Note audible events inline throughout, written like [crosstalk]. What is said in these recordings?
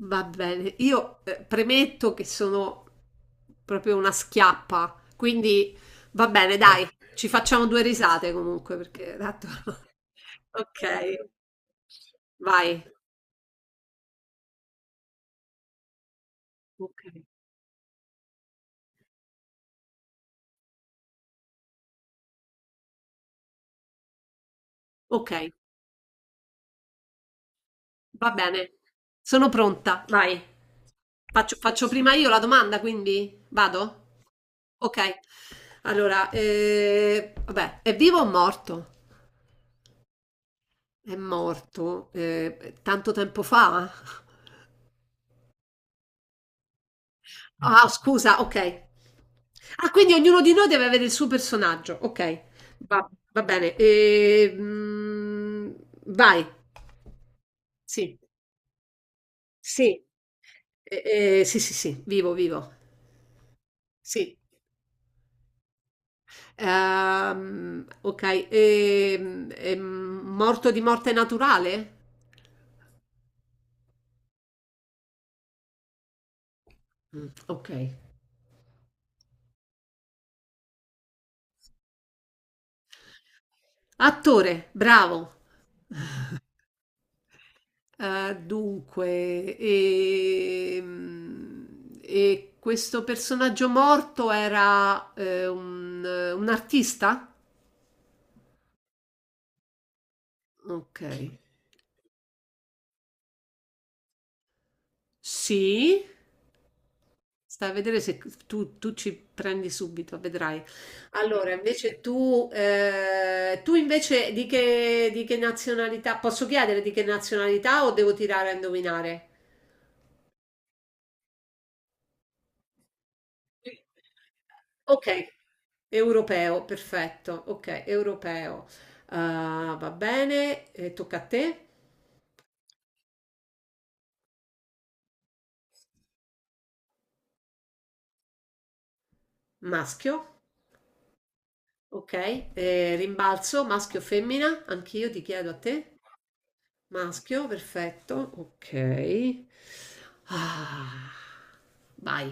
Va bene, io premetto che sono proprio una schiappa, quindi va bene. Dai, ci facciamo due risate comunque perché tanto... [laughs] Ok, vai. Ok, ok, va bene, sono pronta, vai. Faccio prima io la domanda, quindi vado? Ok, allora, vabbè, è vivo o morto? È morto tanto tempo fa? Ah, scusa, ok. Ah, quindi ognuno di noi deve avere il suo personaggio. Ok, va bene. E, vai. Sì. Sì. E- sì, sì, sì, vivo, vivo. Sì. Ok. E morto di morte naturale? Mm, ok. Attore, bravo. Dunque, e questo personaggio morto era un artista? Ok, sì, stai a vedere se tu ci prendi subito, vedrai. Allora, invece tu, tu invece di che nazionalità, posso chiedere di che nazionalità o devo tirare a indovinare? Ok, europeo, perfetto, ok, europeo. Ah, va bene, tocca a te, maschio, ok. Eh, rimbalzo, maschio o femmina, anch'io ti chiedo a te, maschio, perfetto, ok. Ah, vai.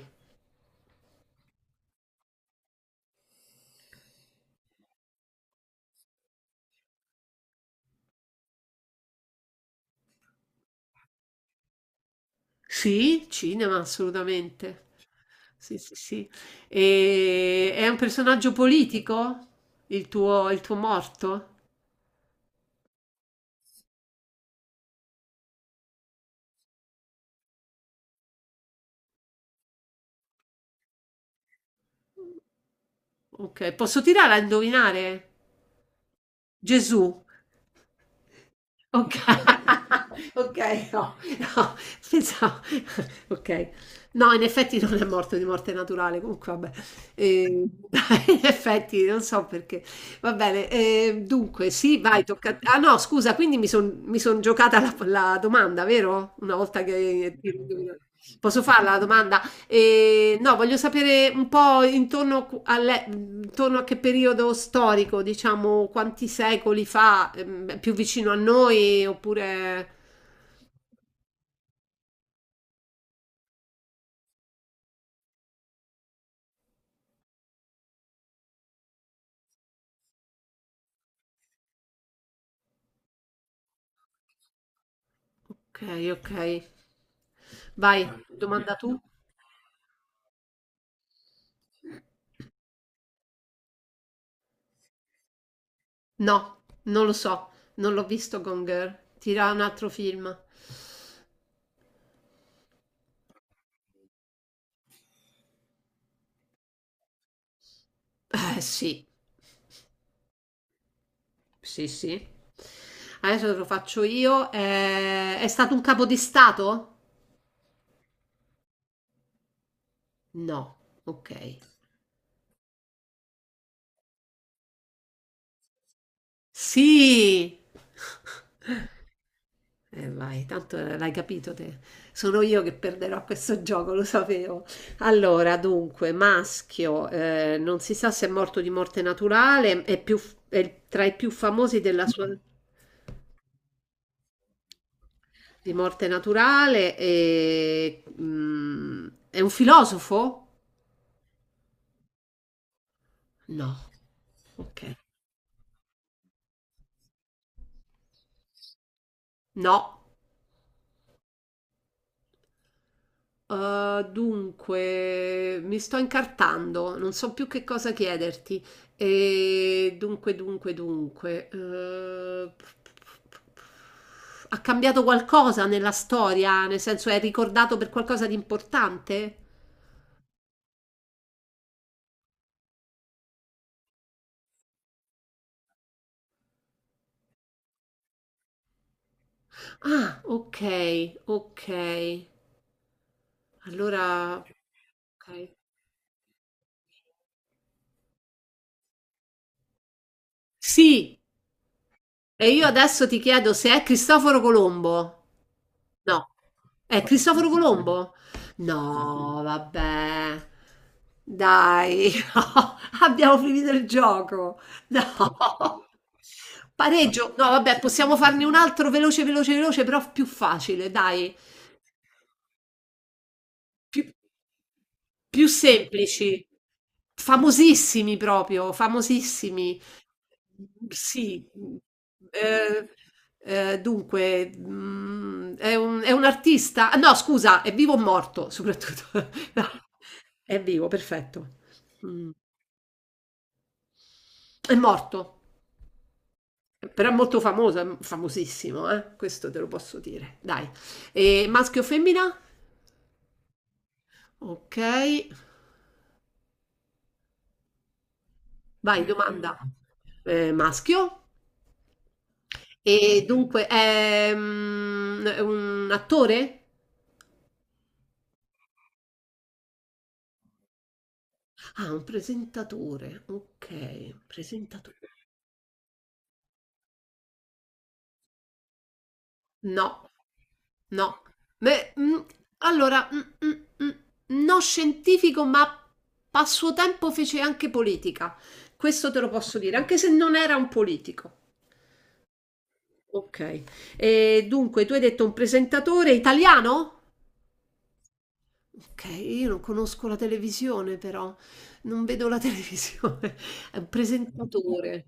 Sì, cinema, assolutamente. Sì, sì, sì. E è un personaggio politico? Il tuo morto? Ok, posso tirare a indovinare? Gesù. Oka [laughs] okay, no, no, pensavo [laughs] okay. No, in effetti non è morto di morte naturale, comunque vabbè. Ehm, [laughs] in effetti non so perché. Va bene, dunque sì, vai, tocca a t ah no scusa, quindi mi son giocata la p la domanda, vero? Una volta che posso farla la domanda? E, no, voglio sapere un po' intorno, alle- intorno a che periodo storico, diciamo, quanti secoli fa, più vicino a noi, oppure... Ok, ok. Vai, domanda tu? No, non lo so, non l'ho visto Gone Girl. Tira un altro film. Eh sì, sì, sì. Adesso te lo faccio io. È stato un capo di stato? No, ok. Sì! Vai, tanto l'hai capito te. Sono io che perderò a questo gioco, lo sapevo. Allora, dunque, maschio, non si sa se è morto di morte naturale, è, più- è tra i più famosi della sua di morte naturale e, mm, è un filosofo? No. Ok. No. Dunque, mi sto incartando, non so più che cosa chiederti. E dunque, dunque, dunque. Ha cambiato qualcosa nella storia? Nel senso, è ricordato per qualcosa di importante? Ah, ok, ok. Allora, ok. Sì, e io adesso ti chiedo se è Cristoforo Colombo. No. È Cristoforo Colombo? Mhm. No, vabbè. Dai, [laughs] no, abbiamo finito il gioco. No. Pareggio. No, vabbè, possiamo farne un altro veloce, veloce, veloce, però più facile, dai. Più Più semplici, famosissimi proprio, famosissimi. Mhmm, sì, mhmm, ehm, dunque, mhmm, è un artista ah no scusa, è vivo o morto soprattutto. [laughs] No. È vivo, perfetto. Mh, è morto, però è molto famoso, è famosissimo, questo te lo posso dire, dai. Maschio o femmina? Okay, vai domanda. Maschio. E dunque è è un attore? Ah, un presentatore. Ok, presentatore. No, no. Beh, allora, no scientifico, ma a suo tempo fece anche politica. Questo te lo posso dire, anche se non era un politico. Ok. E dunque, tu hai detto un presentatore italiano? Ok, io non conosco la televisione però, non vedo la televisione. [laughs] È un presentatore.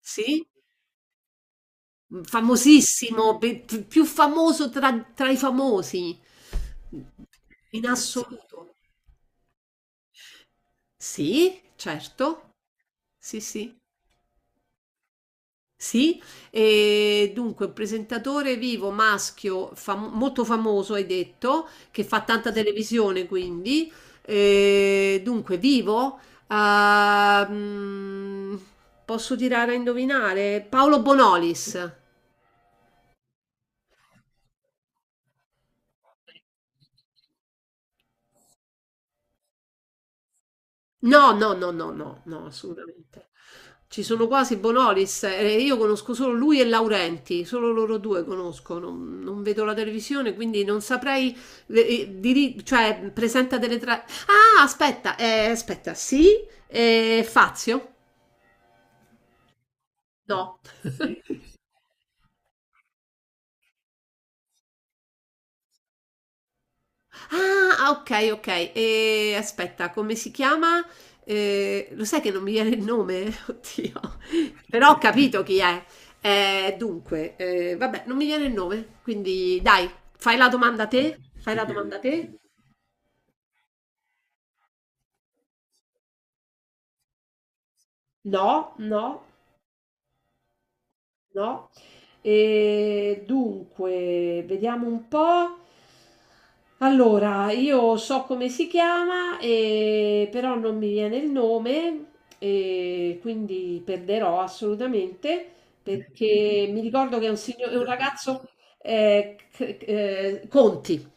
Sì? Mhmm, famosissimo, pe p più famoso tra i famosi, in assoluto. Sì, certo. Sì, sì. Sì, e dunque un presentatore vivo maschio fam- molto famoso, hai detto, che fa tanta televisione quindi. E dunque vivo, ah, mm, posso tirare a indovinare? Paolo Bonolis. No, no, no, no, no, no, assolutamente. Ci sono quasi Bonolis, io conosco solo lui e Laurenti, solo loro due conosco, non vedo la televisione, quindi non saprei, diri- cioè, presenta delle tra... Ah, aspetta, aspetta, sì, Fazio? No. Ah, ah, ok, ok. E aspetta, come si chiama? Lo sai che non mi viene il nome? [laughs] Oddio. Però ho capito chi è. Dunque, vabbè, non mi viene il nome. Quindi dai, fai la domanda a te. Fai la domanda a te. No, no. No. E dunque, vediamo un po'. Allora, io so come si chiama, e- però non mi viene il nome, e quindi perderò assolutamente perché mi ricordo che è un, signor- è un ragazzo c- Conti.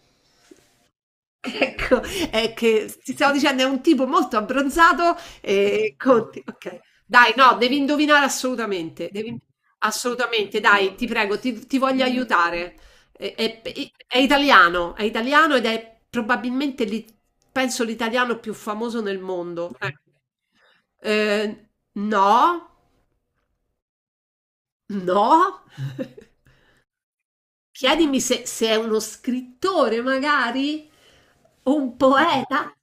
Ecco, è che ti stavo dicendo è un tipo molto abbronzato e Conti okay. Dai, no, devi indovinare assolutamente, devi assolutamente, dai, ti prego, ti voglio aiutare. È, è- è italiano ed è probabilmente, l'i- penso, l'italiano più famoso nel mondo. Ecco. Eh, no, no. [laughs] Chiedimi se, se è uno scrittore, magari, o un poeta.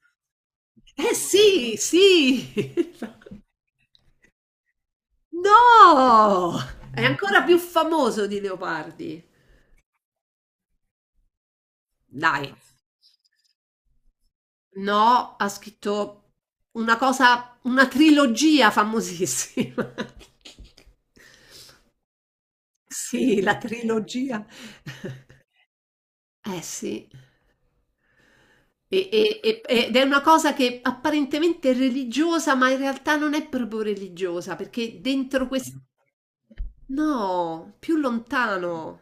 Eh sì, sì! [laughs] No! È ancora più famoso di Leopardi. Dai, no, ha scritto una cosa, una trilogia famosissima. [laughs] Sì, la trilogia. [laughs] Eh sì. Ed è una cosa che apparentemente è religiosa, ma in realtà non è proprio religiosa, perché dentro questo... No, più lontano.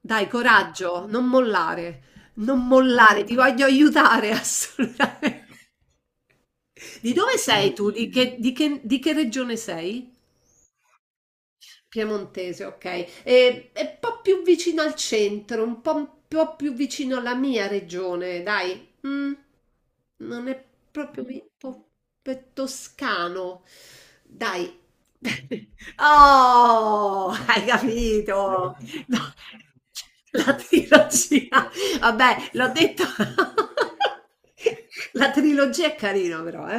Dai, coraggio, non mollare, non mollare, ti voglio aiutare [laughs] assolutamente. Di dove sei tu? Di che, di che regione sei? Piemontese, ok. È un po' più vicino al centro, un po' più vicino alla mia regione, dai. Mm. Non è proprio mi- po- pe- toscano. Dai. [laughs] Oh, hai capito? No, la trilogia, vabbè, l'ho detto. [laughs] La trilogia è carina però, eh?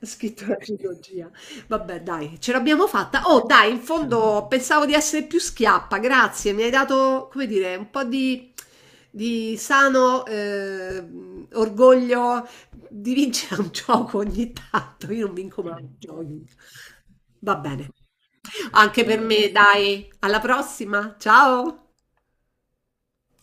Ha scritto la trilogia. Vabbè, dai, ce l'abbiamo fatta. Oh, dai, in fondo pensavo di essere più schiappa, grazie. Mi hai dato, come dire, un po' di sano orgoglio di vincere un gioco ogni tanto. Io non vinco mai i giochi. Va bene, anche per me, dai. Alla prossima, ciao!